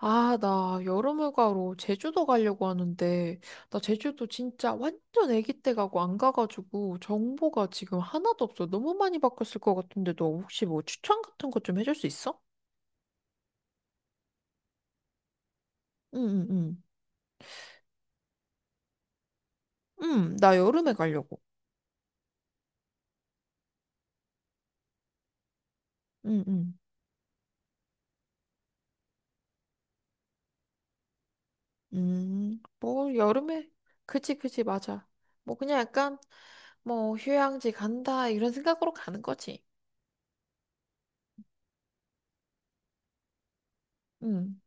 아, 나 여름휴가로 제주도 가려고 하는데, 나 제주도 진짜 완전 아기 때 가고 안 가가지고 정보가 지금 하나도 없어. 너무 많이 바뀌었을 것 같은데, 너 혹시 뭐 추천 같은 거 좀 해줄 수 있어? 응, 응, 응. 응, 나 여름에 가려고. 응, 응. 뭐, 여름에. 그지, 그지, 맞아. 뭐, 그냥 약간, 뭐, 휴양지 간다, 이런 생각으로 가는 거지. 응,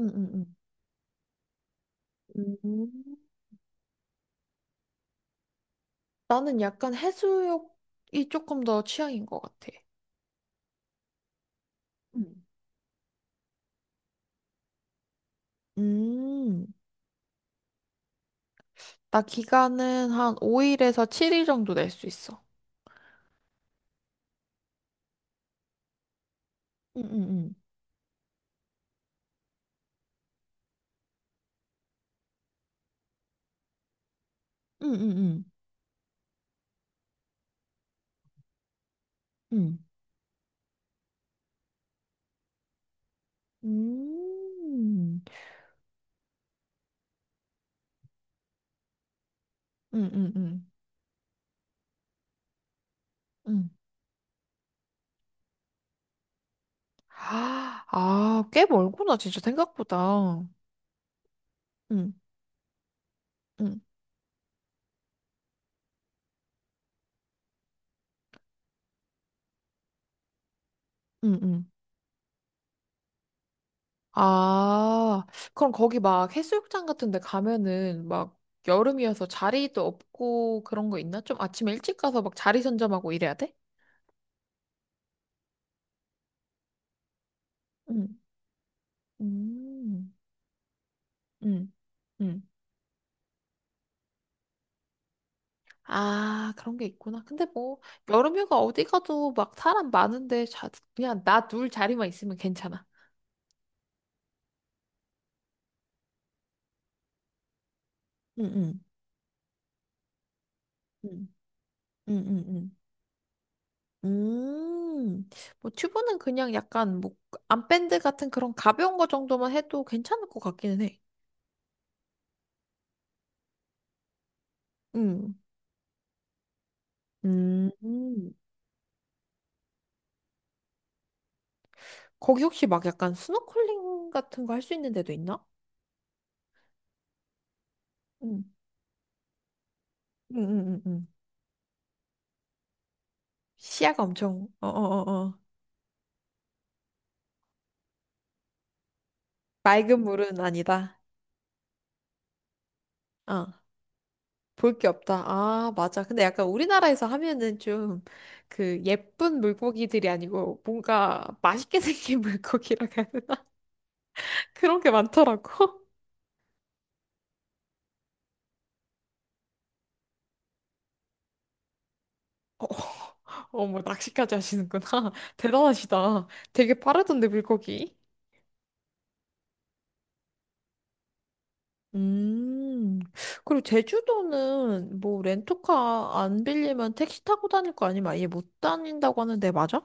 응, 응, 응. 음. 나는 약간 해수욕이 조금 더 취향인 것 같아. 음. 음, 나 기간은 한 5일에서 7일 정도 낼 수 있어. 응, 응, 응. 응, 응, 응. 음, 응. 응응응. 응. 아, 아, 꽤 멀구나, 진짜 생각보다. 응. 응. 응응. 아, 그럼 거기 막 해수욕장 같은 데 가면은 막 여름이어서 자리도 없고 그런 거 있나? 좀 아침에 일찍 가서 막 자리 선점하고 이래야 돼? 음, 음, 음, 음. 아, 그런 게 있구나. 근데 뭐, 여름휴가 어디 가도 막 사람 많은데, 자, 그냥 나 둘 자리만 있으면 괜찮아. 응, 응 응, 응, 응. 음, 뭐, 튜브는 그냥 약간, 뭐, 암밴드 같은 그런 가벼운 거 정도만 해도 괜찮을 것 같기는 해. 음, 음, 음. 거기 혹시 막 약간 스노클링 같은 거 할 수 있는 데도 있나? 응, 응, 응, 응. 시야가 엄청, 어어어어. 맑은 물은 아니다. 어, 볼 게 없다. 아, 맞아. 근데 약간 우리나라에서 하면은 좀 그 예쁜 물고기들이 아니고 뭔가 맛있게 생긴 물고기라고 해야 되나? 그런 게 많더라고. 어, 어머, 낚시까지 하시는구나. 대단하시다. 되게 빠르던데, 물고기. 음, 그리고 제주도는 뭐 렌터카 안 빌리면 택시 타고 다닐 거 아니면 아예 못 다닌다고 하는데, 맞아?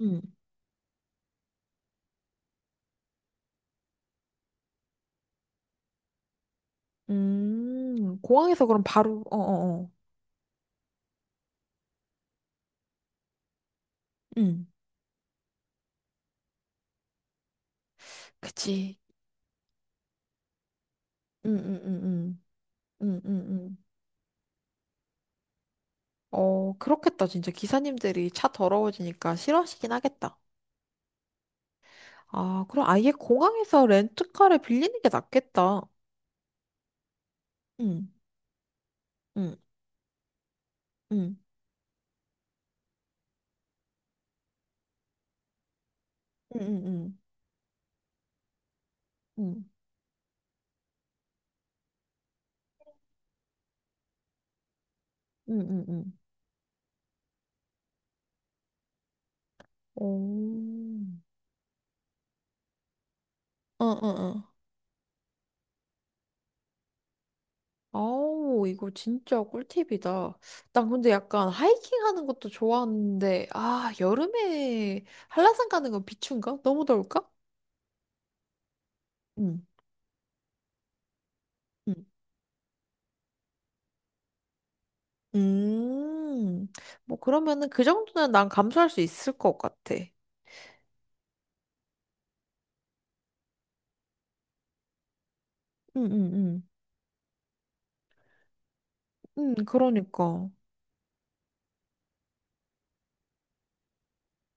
응. 공항에서 그럼 바로, 어어어. 응, 그치. 응, 응, 응, 응, 응, 응, 응. 어, 그렇겠다. 진짜 기사님들이 차 더러워지니까 싫어하시긴 하겠다. 아, 그럼 아예 공항에서 렌트카를 빌리는 게 낫겠다. 응, 응, 응, 응, 응, 응, 응, 응, 응. 오, 응, 응, 응. 아우, 이거 진짜 꿀팁이다. 난 근데 약간 하이킹 하는 것도 좋아하는데, 아, 여름에 한라산 가는 건 비추인가? 너무 더울까? 응. 음, 뭐 그러면은 그 정도는 난 감수할 수 있을 것 같아. 응, 응, 응. 응 그러니까.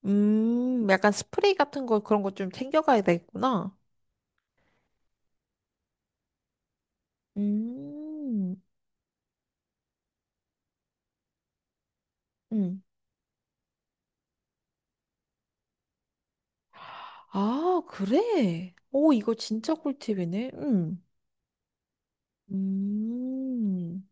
약간 스프레이 같은 거 그런 거 좀 챙겨가야 되겠구나. 음, 응. 아, 그래? 오, 이거 진짜 꿀팁이네. 응 음,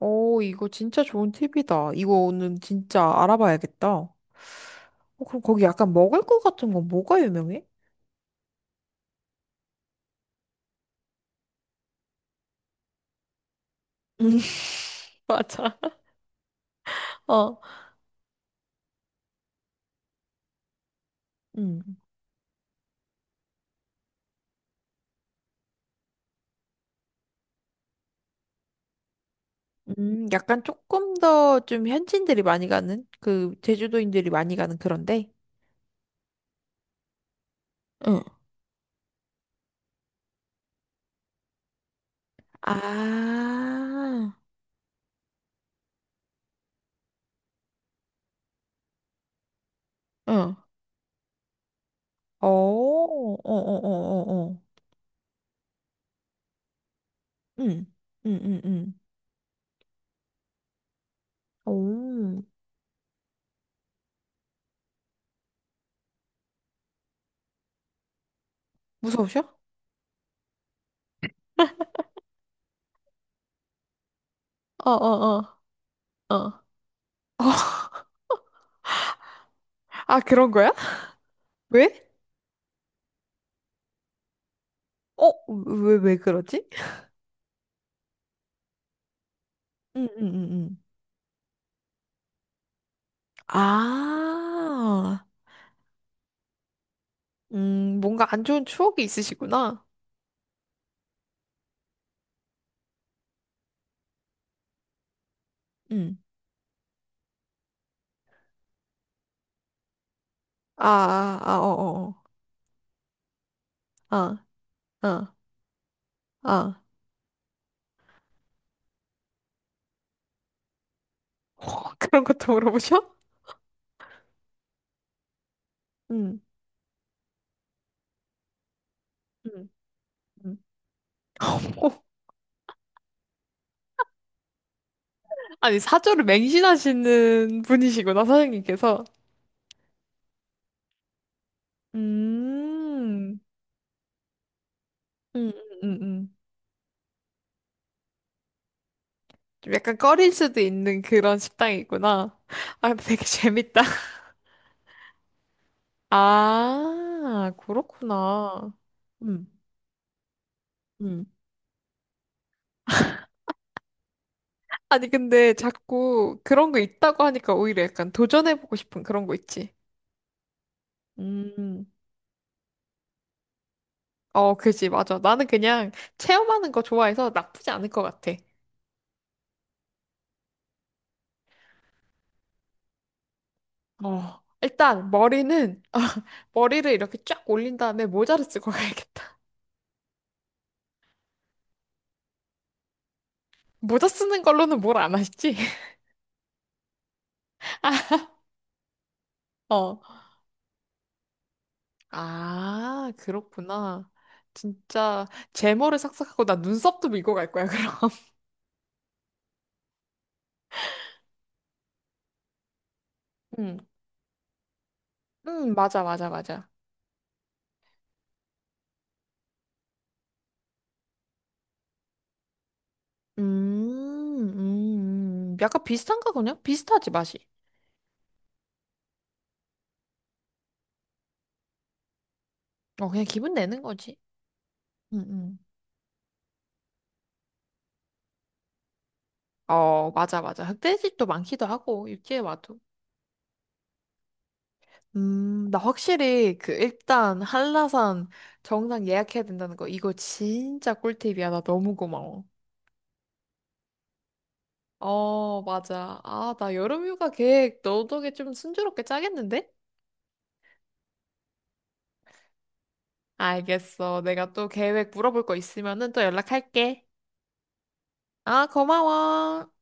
오, 이거 진짜 좋은 팁이다. 이거 오늘 진짜 알아봐야겠다. 어, 그럼 거기 약간 먹을 것 같은 건 뭐가 유명해? 맞아. 어. 응. 약간 조금 더 좀 현지인들이 많이 가는 그 제주도인들이 많이 가는 그런데. 응, 아, 응. 어, 어, 어, 어, 어, 어. 응, 응, 응, 응. 오, 무서우셔? 어, 어, 어, 어. 아, 그런 거야? 왜? 어, 왜, 왜 그러지? 응, 응, 응, 응. 아, 뭔가 안 좋은 추억이 있으시구나. 응. 아, 아, 아, 어, 어, 어. 어, 어, 어. 어, 그런 것도 물어보셔? 응, 응, 응. 오, 아니 사주를 맹신하시는 분이시구나 사장님께서. 음, 응, 응, 응. 좀 약간 꺼릴 수도 있는 그런 식당이구나. 아, 근데 되게 재밌다. 아, 그렇구나. 응, 응. 아니, 근데 자꾸 그런 거 있다고 하니까 오히려 약간 도전해보고 싶은 그런 거 있지. 음, 어, 그지, 맞아. 나는 그냥 체험하는 거 좋아해서 나쁘지 않을 것 같아. 어, 일단 머리는 머리를 이렇게 쫙 올린 다음에 모자를 쓰고 가야겠다. 모자 쓰는 걸로는 뭘 안 하시지? 어. 아, 그렇구나. 진짜 제모를 싹싹 하고 나 눈썹도 밀고 갈 거야, 그럼. 응. 응 맞아, 맞아, 맞아. 음, 약간 비슷한가 그냥? 비슷하지, 맛이. 어, 그냥 기분 내는 거지. 응, 응. 어, 맞아, 맞아. 흑돼지도 많기도 하고, 육지에 와도. 나 확실히 그 일단 한라산 정상 예약해야 된다는 거 이거 진짜 꿀팁이야. 나 너무 고마워. 어, 맞아. 아, 나 여름휴가 계획 너 덕에 좀 순조롭게 짜겠는데? 알겠어. 내가 또 계획 물어볼 거 있으면은 또 연락할게. 아, 고마워.